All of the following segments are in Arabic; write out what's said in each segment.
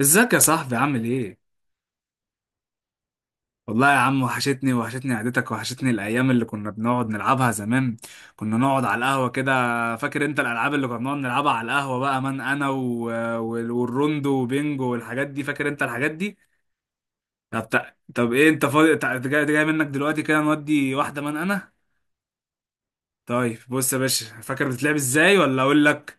ازيك يا صاحبي عامل ايه؟ والله يا عم، وحشتني قعدتك، وحشتني الايام اللي كنا بنقعد نلعبها زمان، كنا نقعد على القهوة كده. فاكر انت الالعاب اللي كنا بنقعد نلعبها على القهوة بقى من انا والروندو وبينجو والحاجات دي؟ فاكر انت الحاجات دي؟ طب ايه، انت فاضي؟ جاي منك دلوقتي كده نودي واحدة من انا؟ طيب بص يا باشا، فاكر بتتلعب ازاي ولا اقول لك؟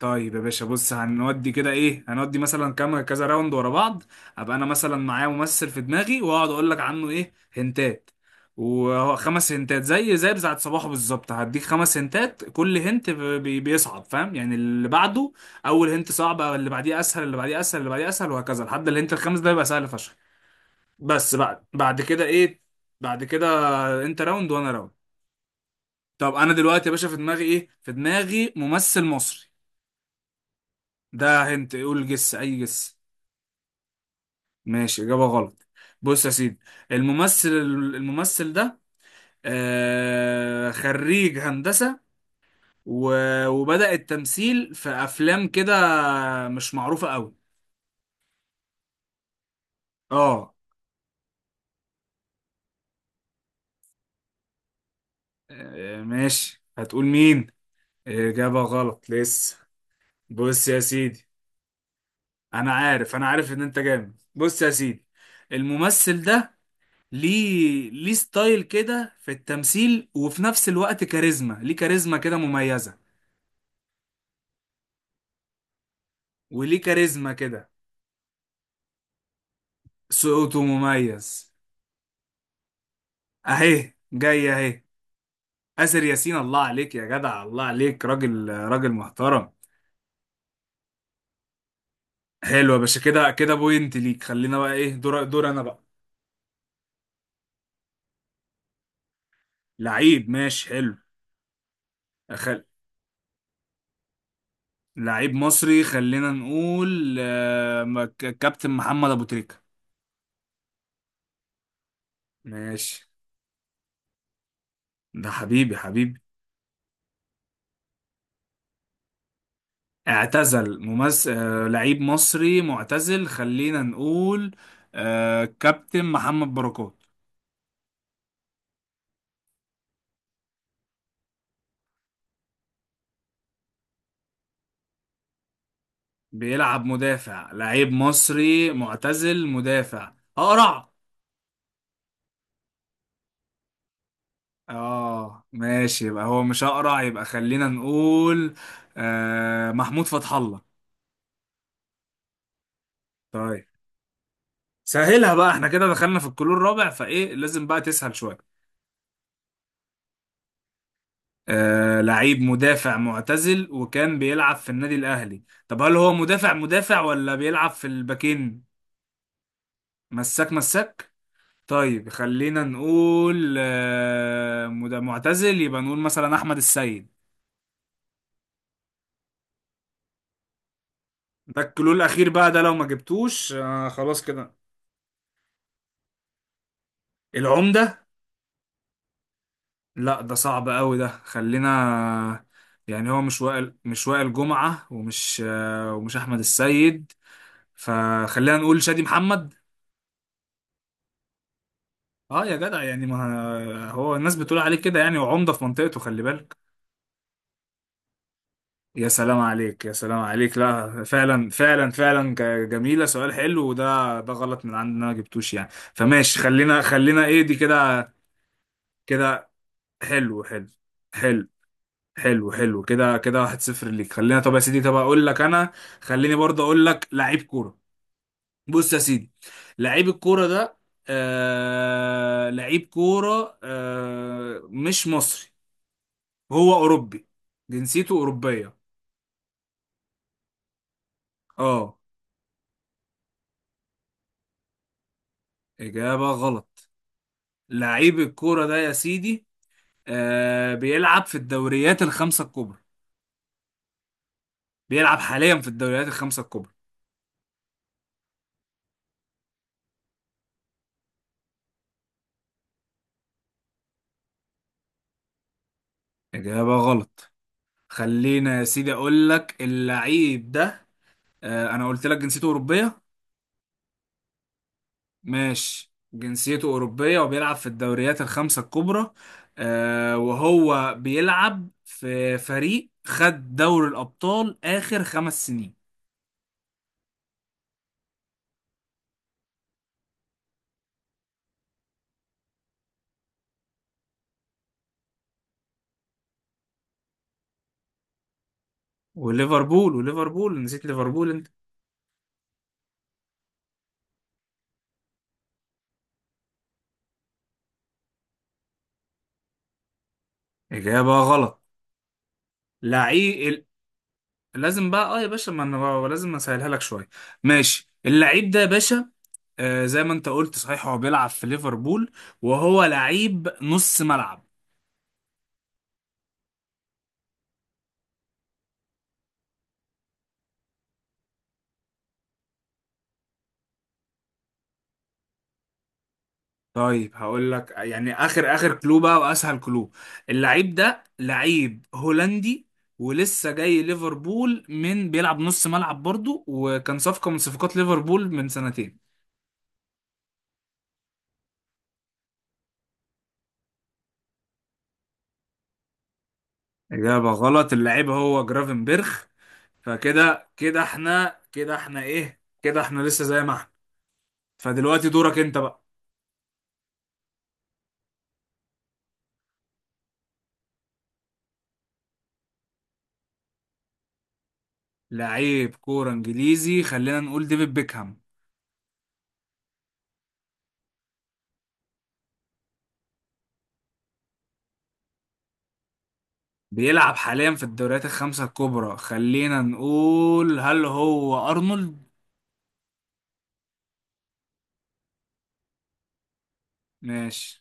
طيب يا باشا بص، هنودي كده، ايه، هنودي مثلا كام كذا راوند ورا بعض. ابقى انا مثلا معايا ممثل في دماغي، واقعد اقول لك عنه ايه هنتات، وهو 5 هنتات زي بتاعت صباحه بالظبط. هديك 5 هنتات، كل هنت بيصعب، فاهم، يعني اللي بعده. اول هنت صعب، اللي بعديه اسهل، اللي بعديه اسهل، اللي بعديه اسهل، وهكذا لحد الهنت الخامس ده يبقى سهل فشخ. بس بعد كده ايه؟ بعد كده انت راوند وانا راوند. طب انا دلوقتي يا باشا في دماغي ايه؟ في دماغي ممثل مصري. ده هنت، قول جس، اي جس. ماشي، اجابه غلط. بص يا سيدي، الممثل ده آه خريج هندسه، وبدأ التمثيل في افلام كده، مش معروفه قوي. اه. ماشي، هتقول مين؟ اجابه غلط لسه. بص يا سيدي، انا عارف ان انت جامد. بص يا سيدي، الممثل ده ليه ستايل كده في التمثيل، وفي نفس الوقت كاريزما، ليه كاريزما كده مميزة، وليه كاريزما كده، صوته مميز. اهي جاي اهي. آسر ياسين، الله عليك يا جدع، الله عليك، راجل راجل محترم. حلو يا باشا، كده كده بوينت ليك. خلينا بقى ايه دور انا بقى. لعيب، ماشي حلو. أخل... لعيب مصري، خلينا نقول كابتن محمد ابو تريكة. ماشي. ده حبيبي حبيبي. اعتزل ممثل. لعيب مصري معتزل، خلينا نقول كابتن محمد بركات. بيلعب مدافع، لعيب مصري معتزل مدافع اقرع. اه ماشي، يبقى هو مش اقرع، يبقى خلينا نقول محمود فتح الله. طيب سهلها بقى، احنا كده دخلنا في الكلور الرابع، فايه لازم بقى تسهل شوية. لعيب مدافع معتزل، وكان بيلعب في النادي الاهلي. طب هل هو مدافع مدافع، ولا بيلعب في الباكين؟ مساك مساك. طيب خلينا نقول معتزل، يبقى نقول مثلا احمد السيد. ده الكلو الاخير بقى، ده لو ما جبتوش آه خلاص كده. العمده. لا ده صعب قوي ده، خلينا. يعني هو مش وائل جمعه، ومش آه، ومش احمد السيد، فخلينا نقول شادي محمد. اه يا جدع، يعني ما هو الناس بتقول عليه كده، يعني وعمده في منطقته، خلي بالك. يا سلام عليك، يا سلام عليك، لا فعلا فعلا فعلا، جميلة، سؤال حلو وده. ده غلط من عندنا ما جبتوش يعني. فماشي، خلينا ايه دي كده. كده حلو حلو حلو حلو حلو، كده كده 1-0 ليك. خلينا، طب يا سيدي، طب اقول لك انا، خليني برضه اقول لك لعيب كورة. بص يا سيدي، لعيب الكورة ده آه لعيب كورة، آه مش مصري، هو اوروبي، جنسيته اوروبية. اه. اجابة غلط. لعيب الكورة ده يا سيدي، آه بيلعب في الدوريات الخمسة الكبرى، بيلعب حاليا في الدوريات الخمسة الكبرى. إجابة غلط. خلينا يا سيدي أقول لك اللعيب ده. آه، أنا قلت لك جنسيته أوروبية. ماشي، جنسيته أوروبية وبيلعب في الدوريات الخمسة الكبرى. آه، وهو بيلعب في فريق خد دوري الأبطال آخر 5 سنين. وليفربول، وليفربول، نسيت ليفربول أنت. إجابة غلط. لعيب، لازم بقى اه يا باشا، ما انا بقى لازم اسهلها لك شويه. ماشي، اللعيب ده يا باشا، آه زي ما انت قلت صحيح، هو بيلعب في ليفربول، وهو لعيب نص ملعب. طيب هقول لك يعني اخر اخر كلو بقى، واسهل كلو. اللعيب ده لعيب هولندي، ولسه جاي ليفربول، من بيلعب نص ملعب برضو، وكان صفقه من صفقات ليفربول من سنتين. اجابه غلط، اللعيب هو جرافنبرخ. فكده كده احنا، كده احنا ايه، كده احنا لسه زي ما احنا. فدلوقتي دورك انت بقى. لعيب كورة انجليزي، خلينا نقول ديفيد بيكهام. بيلعب حاليا في الدوريات الخمسة الكبرى، خلينا نقول هل هو أرنولد؟ ماشي.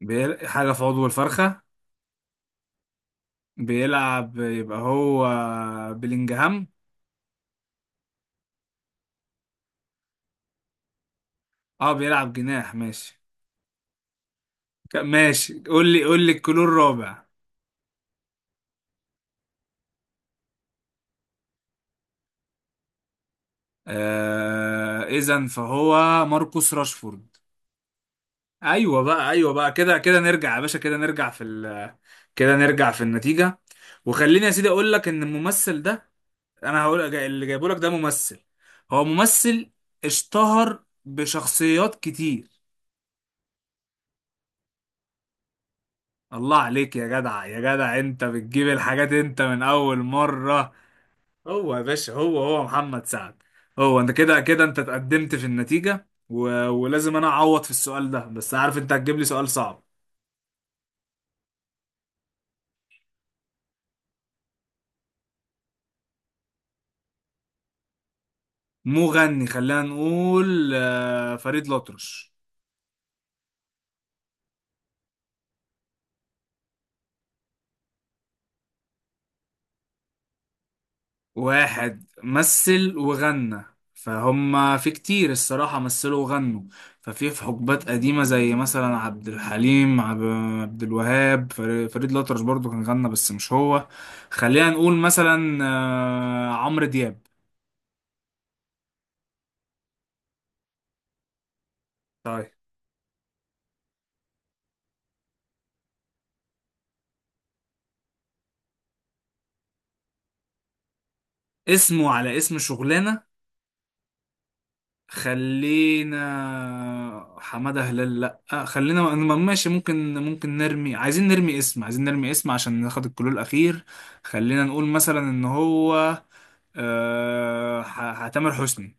حاجة في عضو الفرخة، بيلعب يبقى هو بلينجهام. اه بيلعب جناح، ماشي. ماشي، قول لي الكلور الرابع. اذا فهو ماركوس راشفورد. ايوه بقى، ايوه بقى، كده كده نرجع يا باشا. كده نرجع في كده نرجع في النتيجه. وخليني يا سيدي اقول لك ان الممثل ده، انا هقول اللي جايبه لك ده ممثل، هو ممثل اشتهر بشخصيات كتير. الله عليك يا جدع، يا جدع، انت بتجيب الحاجات انت من اول مره. هو يا باشا، هو محمد سعد. هو انت كده كده انت اتقدمت في النتيجه ولازم انا اعوض في السؤال ده، بس عارف انت هتجيب لي سؤال صعب. مو غني، خلينا نقول فريد الأطرش. واحد مثل وغنى، فهم في كتير الصراحة مثلوا وغنوا، ففي حقبات قديمة زي مثلا عبد الحليم، عبد الوهاب، فريد الأطرش برضو كان غنى بس مش هو. خلينا نقول مثلا عمرو دياب. طيب. اسمه على اسم شغلانة. خلينا، حمادة هلال، لا. خلينا ماشي، ممكن نرمي، عايزين نرمي اسم عشان ناخد الكلو الأخير. خلينا نقول مثلا إن هو تامر حسني.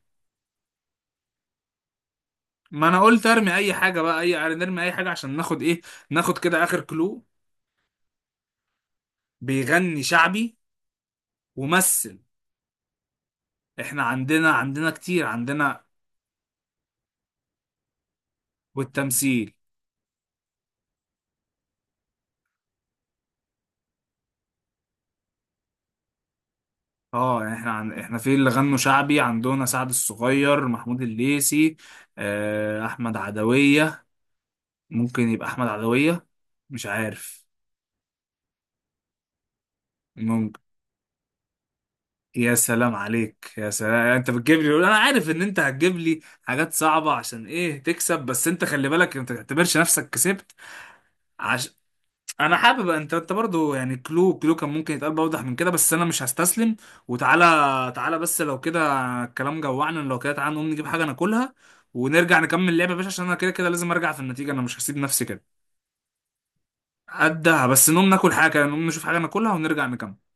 ما أنا قلت أرمي أي حاجة بقى، أي يعني، نرمي أي حاجة عشان ناخد إيه، ناخد كده آخر كلو. بيغني شعبي وممثل. إحنا عندنا، كتير عندنا. والتمثيل. اه يعني احنا احنا في اللي غنوا شعبي عندنا سعد الصغير، محمود الليثي، احمد عدوية. ممكن يبقى احمد عدوية، مش عارف. ممكن. يا سلام عليك، يا سلام. يعني انت بتجيب لي، انا عارف ان انت هتجيب لي حاجات صعبة عشان ايه تكسب، بس انت خلي بالك انت ما تعتبرش نفسك كسبت. عش... انا حابب، انت برضو، يعني كلو كان ممكن يتقال بأوضح من كده، بس انا مش هستسلم. وتعالى، تعالى بس لو كده، الكلام جوعنا. لو كده تعالى نقوم نجيب حاجه ناكلها، ونرجع نكمل لعبه يا باشا، عشان انا كده كده لازم ارجع في النتيجه، انا مش هسيب نفسي كده. قدها، بس نقوم ناكل حاجه، نقوم نشوف حاجه ناكلها ونرجع نكمل.